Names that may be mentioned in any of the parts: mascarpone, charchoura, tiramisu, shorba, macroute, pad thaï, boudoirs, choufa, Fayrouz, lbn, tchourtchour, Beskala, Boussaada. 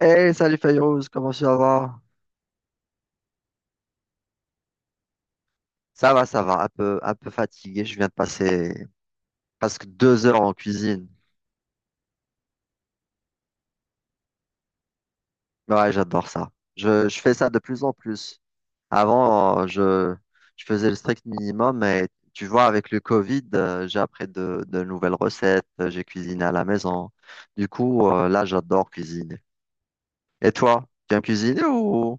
Hey, salut Fayrouz, comment ça va? Ça va, ça va, un peu fatigué. Je viens de passer presque 2 heures en cuisine. Ouais, j'adore ça. Je fais ça de plus en plus. Avant, je faisais le strict minimum, mais tu vois, avec le Covid, j'ai appris de nouvelles recettes, j'ai cuisiné à la maison. Du coup, là, j'adore cuisiner. Et toi, tu aimes cuisiner ou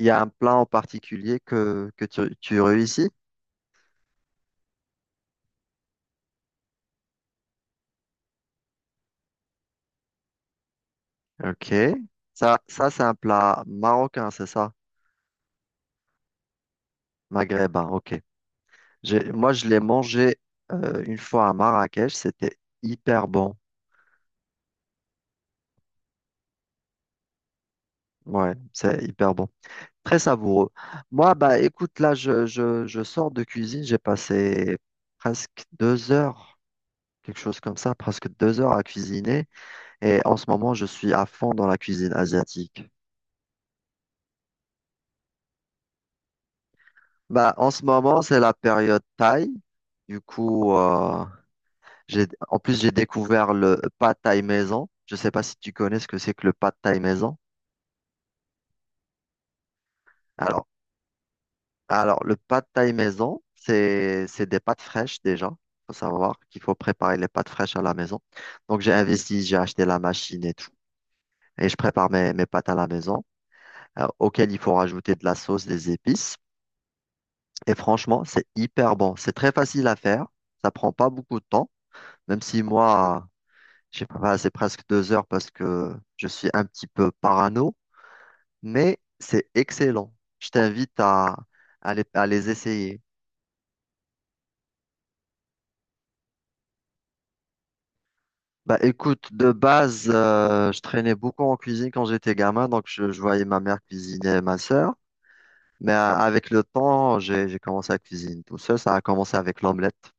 il y a un plat en particulier que tu réussis? Ok. Ça c'est un plat marocain, c'est ça? Maghrébin, ok. Moi, je l'ai mangé une fois à Marrakech. C'était hyper bon. Ouais, c'est hyper bon. Très savoureux. Moi, bah écoute, là, je sors de cuisine. J'ai passé presque 2 heures, quelque chose comme ça, presque 2 heures à cuisiner. Et en ce moment, je suis à fond dans la cuisine asiatique. Bah, en ce moment, c'est la période thaï. Du coup, j'ai, en plus, j'ai découvert le pad thaï maison. Je ne sais pas si tu connais ce que c'est que le pad thaï maison. Alors, Alors, le pad thaï maison, c'est des pâtes fraîches déjà. Faut savoir qu'il faut préparer les pâtes fraîches à la maison. Donc, j'ai investi, j'ai acheté la machine et tout. Et je prépare mes pâtes à la maison, auxquelles il faut rajouter de la sauce, des épices. Et franchement, c'est hyper bon. C'est très facile à faire. Ça prend pas beaucoup de temps. Même si moi, je sais pas, bah, c'est presque 2 heures parce que je suis un petit peu parano. Mais c'est excellent. Je t'invite à, à les essayer. Bah écoute, de base, je traînais beaucoup en cuisine quand j'étais gamin, donc je voyais ma mère cuisiner et ma sœur. Mais avec le temps, j'ai commencé à cuisiner tout seul. Ça a commencé avec l'omelette,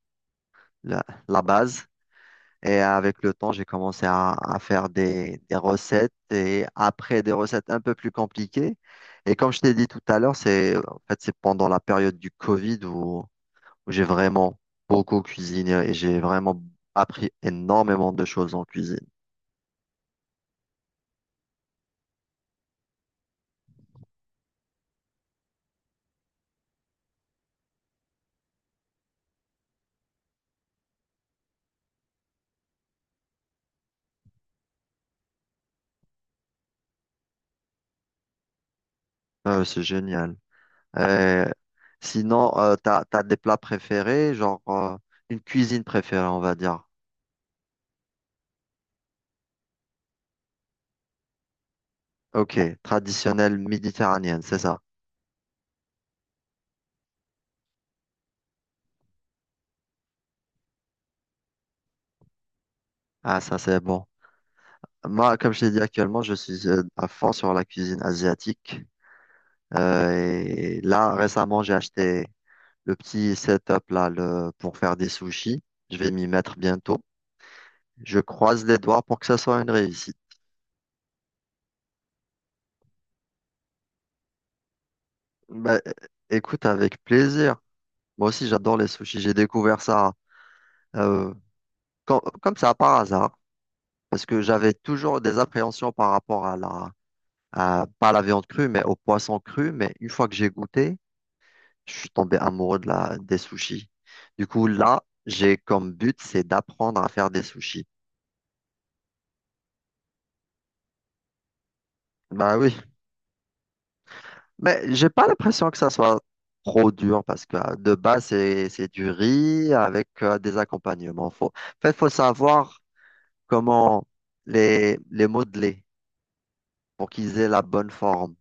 la, la base. Et avec le temps, j'ai commencé à faire des recettes et après des recettes un peu plus compliquées. Et comme je t'ai dit tout à l'heure, c'est en fait c'est pendant la période du Covid où j'ai vraiment beaucoup cuisiné et j'ai vraiment appris énormément de choses en cuisine. C'est génial. Euh, sinon, t'as des plats préférés, genre une cuisine préférée, on va dire. Ok, traditionnelle méditerranéenne, c'est ça. Ah, ça c'est bon. Moi, comme je t'ai dit actuellement, je suis à fond sur la cuisine asiatique. Et là, récemment, j'ai acheté le petit setup là le, pour faire des sushis. Je vais m'y mettre bientôt. Je croise les doigts pour que ça soit une réussite. Bah, écoute, avec plaisir. Moi aussi, j'adore les sushis. J'ai découvert ça. euh, Comme ça, par hasard, parce que j'avais toujours des appréhensions par rapport à pas à la viande crue, mais au poisson cru. Mais une fois que j'ai goûté, je suis tombé amoureux de des sushis. Du coup, là, j'ai comme but, c'est d'apprendre à faire des sushis. Bah oui, mais j'ai pas l'impression que ça soit trop dur, parce que de base, c'est du riz avec des accompagnements. Faut savoir comment les modeler pour qu'ils aient la bonne forme.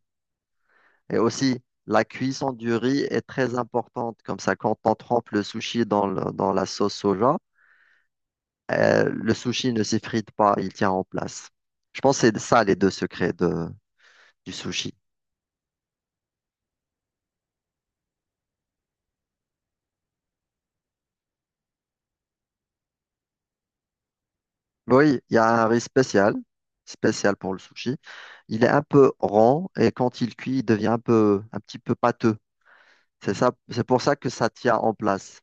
Et aussi, la cuisson du riz est très importante. Comme ça, quand on trempe le sushi dans la sauce soja, le sushi ne s'effrite pas, il tient en place. Je pense que c'est ça les deux secrets du sushi. Oui, il y a un riz spécial, spécial pour le sushi. Il est un peu rond et quand il cuit, il devient un peu, un petit peu pâteux. C'est ça, c'est pour ça que ça tient en place.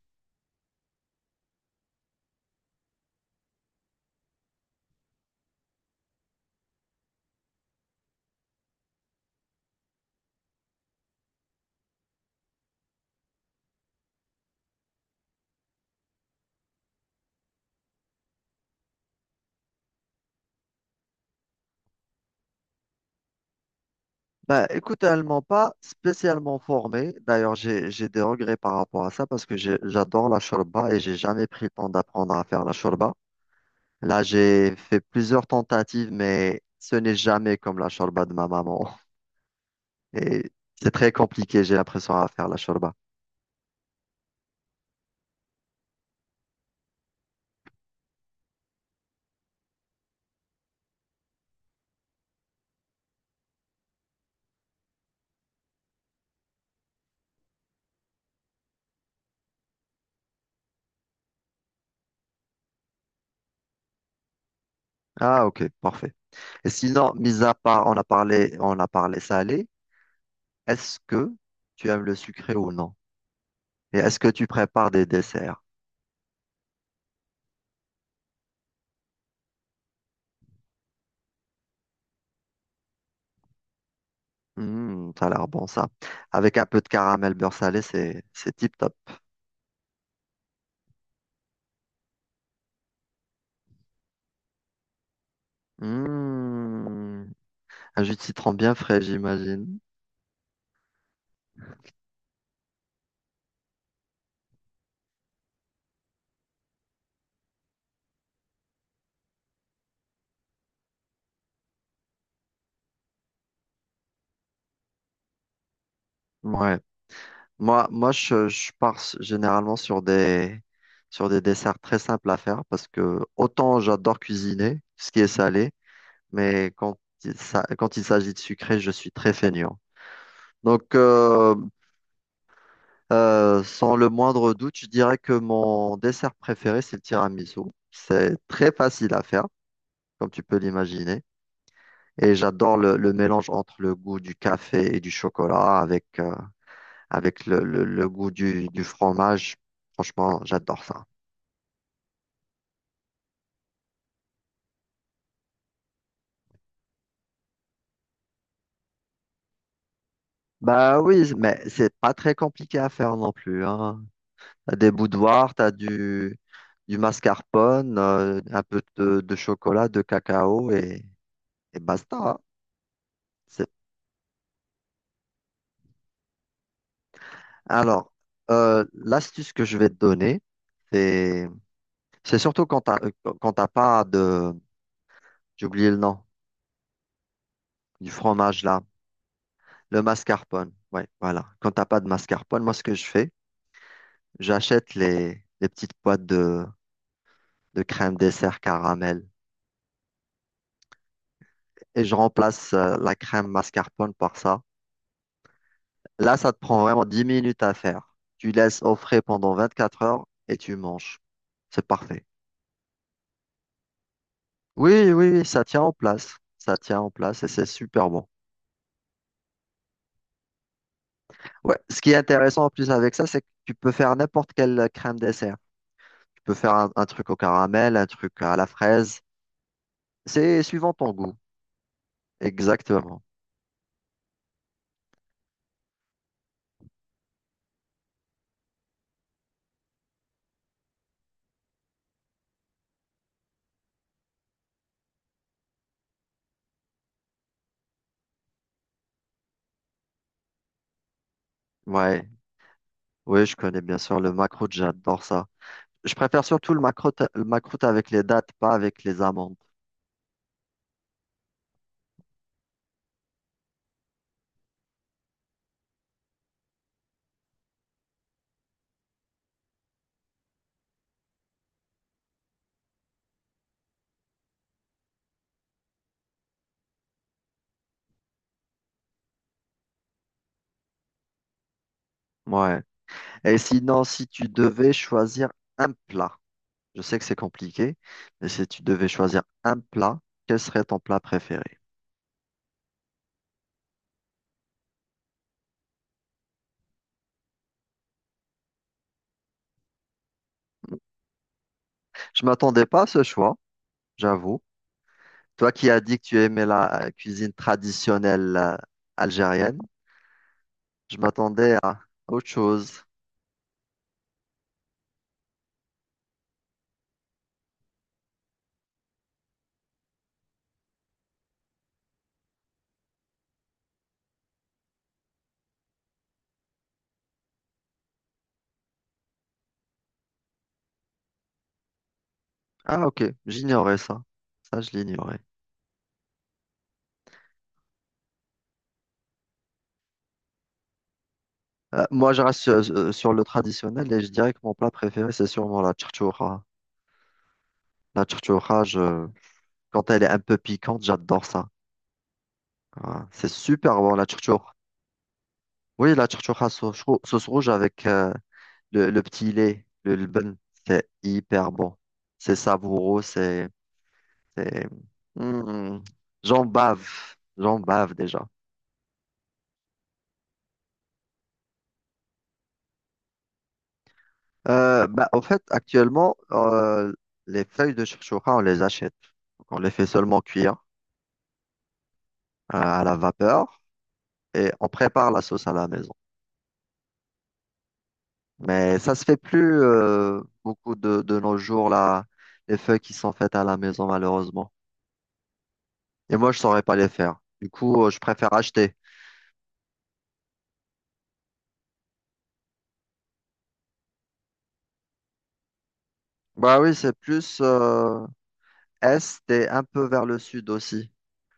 Bah, écoute, elle m'a pas spécialement formé. D'ailleurs, j'ai des regrets par rapport à ça parce que j'adore la shorba et j'ai jamais pris le temps d'apprendre à faire la shorba. Là, j'ai fait plusieurs tentatives, mais ce n'est jamais comme la shorba de ma maman. Et c'est très compliqué, j'ai l'impression, à faire la shorba. Ah, ok, parfait. Et sinon, mis à part, on a parlé salé, est-ce que tu aimes le sucré ou non? Et est-ce que tu prépares des desserts? Hmm, ça a l'air bon ça. Avec un peu de caramel beurre salé, c'est tip top. Hmm, un jus de citron bien frais, j'imagine. Ouais. Moi, je pars généralement sur sur des desserts très simples à faire parce que autant j'adore cuisiner, ce qui est salé, mais quand quand il s'agit de sucré, je suis très feignant. Donc, sans le moindre doute, je dirais que mon dessert préféré, c'est le tiramisu. C'est très facile à faire, comme tu peux l'imaginer. Et j'adore le mélange entre le goût du café et du chocolat avec, avec le goût du fromage. Franchement, j'adore ça. Bah oui, mais c'est pas très compliqué à faire non plus, hein. T'as des boudoirs, du mascarpone, un peu de chocolat, de cacao et basta. Hein. C'est Alors, l'astuce que je vais te donner, c'est c'est surtout quand t'as pas de j'ai oublié le nom du fromage là, le mascarpone. Ouais, voilà. Quand t'as pas de mascarpone, moi ce que je fais, j'achète les petites boîtes de crème dessert caramel et je remplace la crème mascarpone par ça. Là, ça te prend vraiment 10 minutes à faire. Tu laisses au frais pendant 24 heures et tu manges. C'est parfait. Oui, ça tient en place. Ça tient en place et c'est super bon. Ouais, ce qui est intéressant en plus avec ça, c'est que tu peux faire n'importe quelle crème dessert. Tu peux faire un truc au caramel, un truc à la fraise. C'est suivant ton goût. Exactement. Ouais, oui, je connais bien sûr le macroute, j'adore ça. Je préfère surtout le macroute avec les dattes, pas avec les amandes. Ouais. Et sinon, si tu devais choisir un plat, je sais que c'est compliqué, mais si tu devais choisir un plat, quel serait ton plat préféré? Je m'attendais pas à ce choix, j'avoue. Toi qui as dit que tu aimais la cuisine traditionnelle algérienne, je m'attendais à autre chose. Ah, ok, j'ignorais ça. Ça, je l'ignorais. Moi, je reste sur, sur le traditionnel et je dirais que mon plat préféré, c'est sûrement la charchoura. La charchoura, quand elle est un peu piquante, j'adore ça. Ah, c'est super bon, la tchourtchour. Oui, la tchourtchour à sauce rouge avec le petit lait, le lbn, c'est hyper bon. C'est savoureux, c'est... c'est- Hmm, j'en bave, j'en bave déjà. Bah, au fait, actuellement, les feuilles de tchourtchoura, on les achète. Donc, on les fait seulement cuire à la vapeur et on prépare la sauce à la maison. Mais ça se fait plus beaucoup de nos jours, là, les feuilles qui sont faites à la maison, malheureusement. Et moi, je saurais pas les faire. Du coup, je préfère acheter. Bah oui, c'est plus est et un peu vers le sud aussi.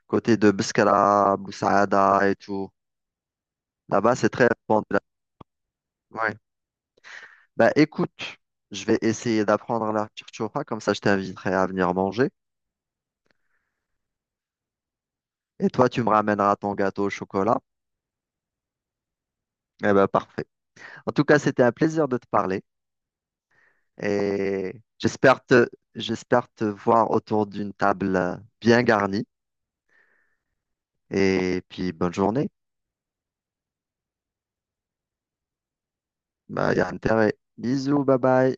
Côté de Beskala, Boussaada et tout. Là-bas, c'est très répandu. Là. Ouais. Bah écoute, je vais essayer d'apprendre la choufa, comme ça je t'inviterai à venir manger. Et toi, tu me ramèneras ton gâteau au chocolat. Eh ben parfait. En tout cas, c'était un plaisir de te parler. Et j'espère te voir autour d'une table bien garnie. Et puis, bonne journée. Bah, y a intérêt. Bisous, bye bye.